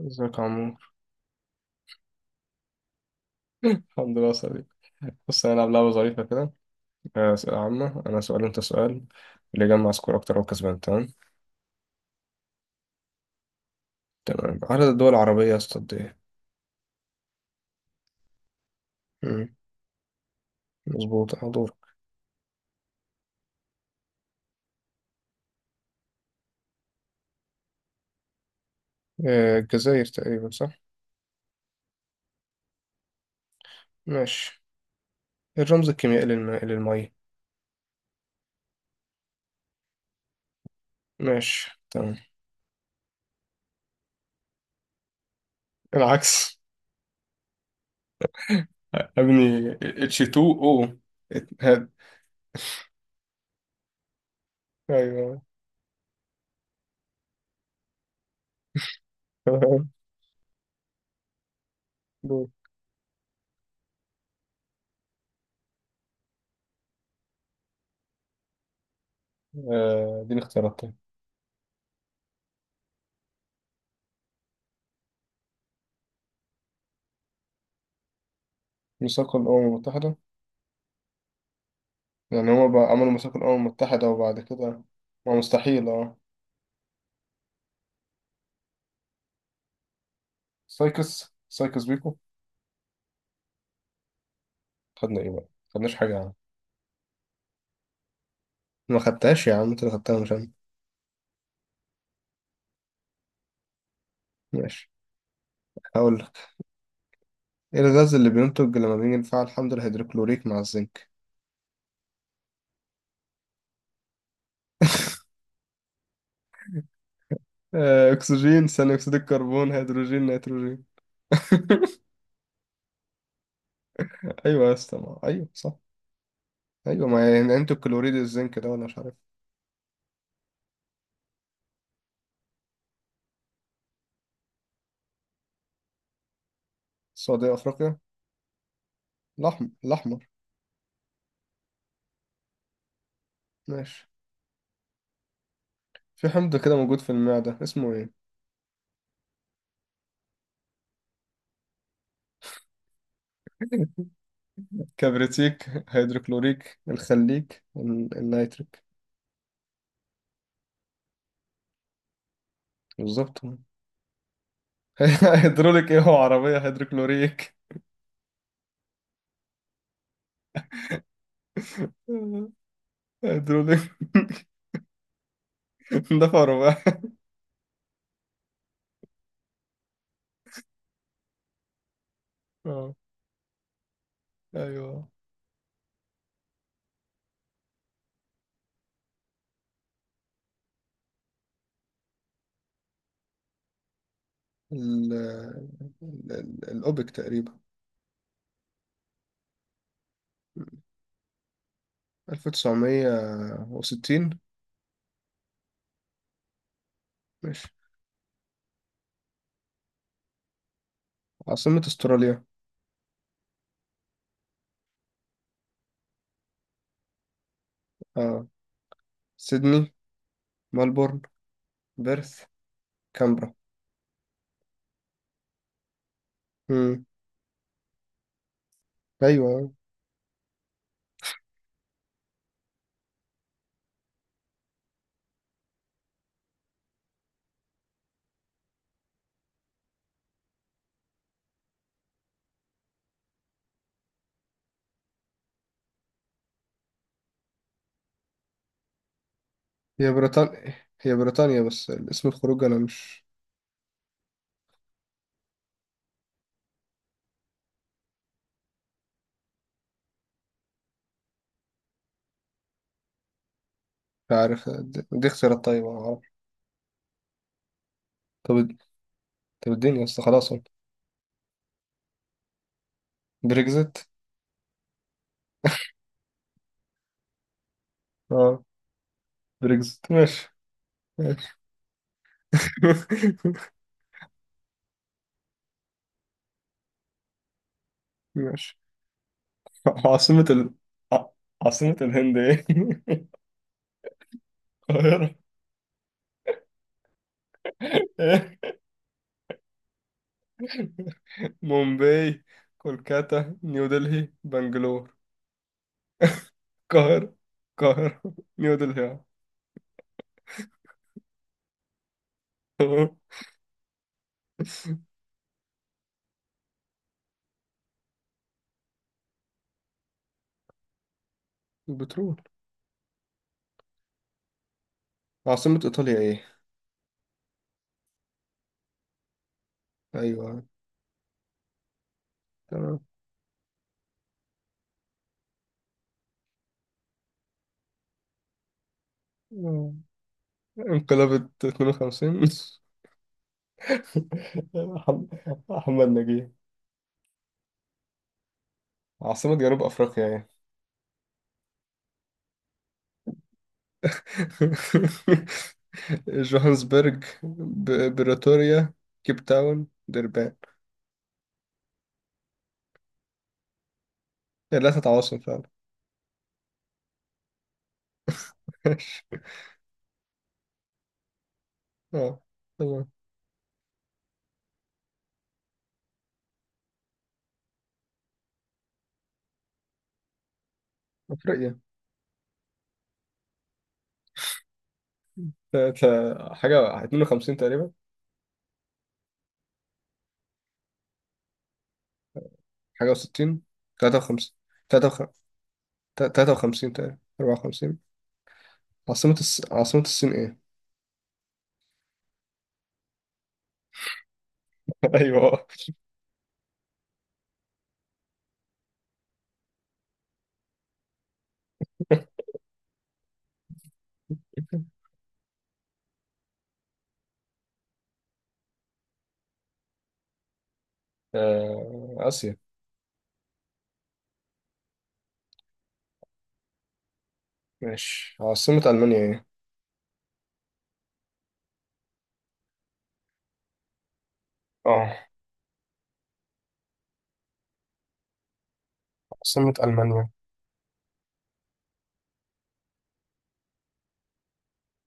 ازيك يا عمور. الحمد لله صديق. بص، هنلعب لعبة ظريفة كده. أسئلة عامة، أنا سؤال وأنت سؤال. اللي يجمع سكور أكتر هو كسبان. تمام. تمام، عدد الدول العربية يا اسطى قد إيه؟ مم، مظبوط، حضور. الجزائر تقريبا، صح؟ ماشي. الرمز الكيميائي للمية. ماشي تمام. العكس. ابني H2O. هاد أيوه. تمام، دول. دي الاختيارات، طيب. ميثاق الأمم المتحدة. يعني هما بقى عملوا مساكن الأمم المتحدة وبعد كده. ما مستحيل اه. سايكس، سايكس بيكو. خدنا ايه بقى؟ خدناش حاجة يا عم. ما خدتهاش يا عم، انت اللي خدتها مش انا. ماشي، هقول لك. ايه الغاز اللي بينتج لما بنيجي نفعل الحمض الهيدروكلوريك مع الزنك؟ اكسجين، ثاني اكسيد الكربون، هيدروجين، نيتروجين. ايوه يا اسطى، ايوه صح. ايوه، ما يعني انتوا الكلوريد الزنك ده، ولا مش عارف. السعودية افريقيا، الاحمر الاحمر. ماشي. في حمض كده موجود في المعدة، اسمه ايه؟ كبريتيك، هيدروكلوريك، الخليك، النيتريك. بالظبط. هيدروليك ايه، هو عربية هيدروكلوريك. هيدروليك. دفع رباعي. اه. ايوه، ال ال- الأوبك تقريبا. 1960. ماشي. عاصمة استراليا. اه، سيدني، ملبورن، بيرث، كامبرا. امم. ايوه، هي بريطانيا، هي بريطانيا، بس الاسم الخروج انا مش عارف. دي اختيارات طيبة. طب، طب اديني يا اسطى خلاص اهو. بريكزت. اه بريكزت، ماشي. ماشي. ماشي. عاصمة ال... ع- عاصمة الهند ايه؟ القاهرة. ايه؟ مومباي، كولكاتا، نيو دلهي، بنجلور. القاهرة، القاهرة. نيو دلهي آه. تمام. البترول. عاصمة ايطاليا ايه؟ ايوه تمام. آه. انقلاب 52. احمد نجيب. عاصمة جنوب افريقيا ايه؟ جوهانسبرج، بريتوريا، كيب تاون، دربان. ثلاثة عواصم فعلا. ماشي. اه، تمام. افريقيا. حاجة 52 تقريبا، حاجة و60، 53، 53 تقريبا، 54. عاصمة الصين ايه؟ ايوه آه. آسيا. ماشي. عاصمة ألمانيا ايه؟ اه، عاصمة ألمانيا.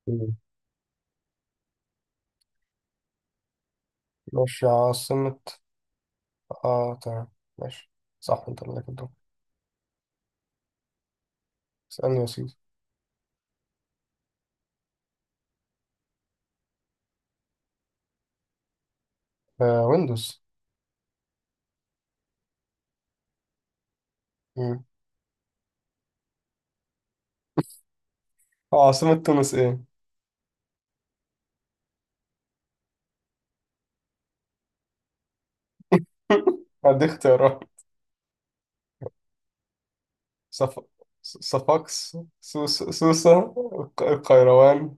مم. ماشي، عاصمة. اه، تمام. ماشي. صح، انت اللي كنت. اسألني يا سيدي. آه، ويندوز. مم. عاصمة تونس ايه؟ هدي اختيارات. صف... صفاقس، سوسة، القيروان،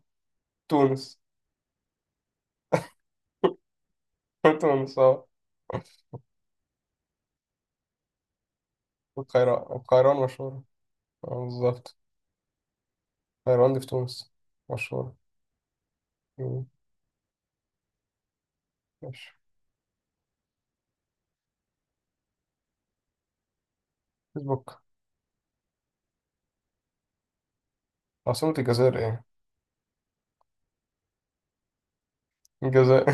تونس. تونس اه. القيروان، القيروان مشهورة. اه، بالظبط. القيروان دي في تونس، مشهورة. مم. ماشي. فيسبوك. عاصمة الجزائر ايه؟ الجزائر.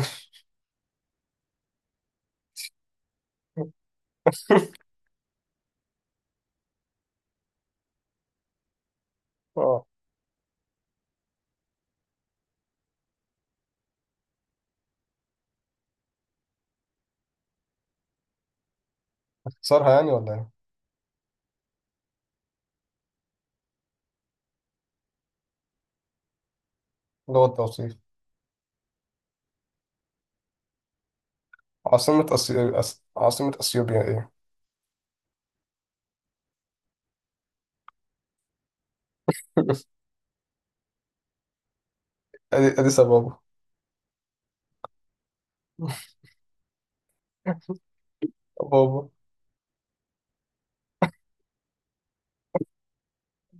اه. اختصارها يعني ولا ايه؟ لغة توصيف. عاصمة أثيوبيا ايه؟ أديس أبابا. بابا.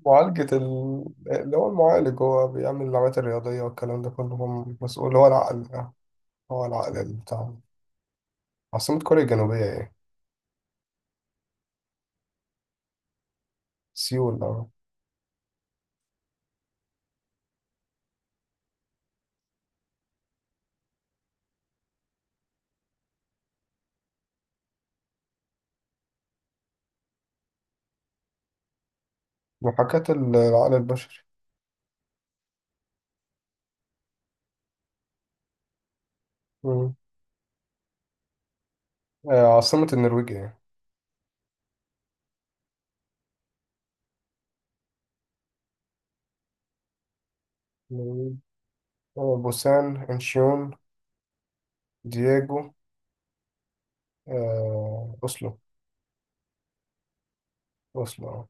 معالجة اللي هو المعالج، هو بيعمل العمليات الرياضية والكلام ده كله، هو مسؤول، هو العقل. هو العقل اللي بتاع. عاصمة كوريا الجنوبية ايه؟ سيول اه. محاكاة العقل البشري. مم. عاصمة النرويج ايه؟ النرويج. بوسان، انشيون، دييجو، أوسلو. أوسلو اه.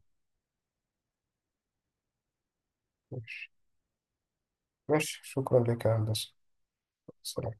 ماشي. ماشي، شكرا لك يا هندسة. سلام.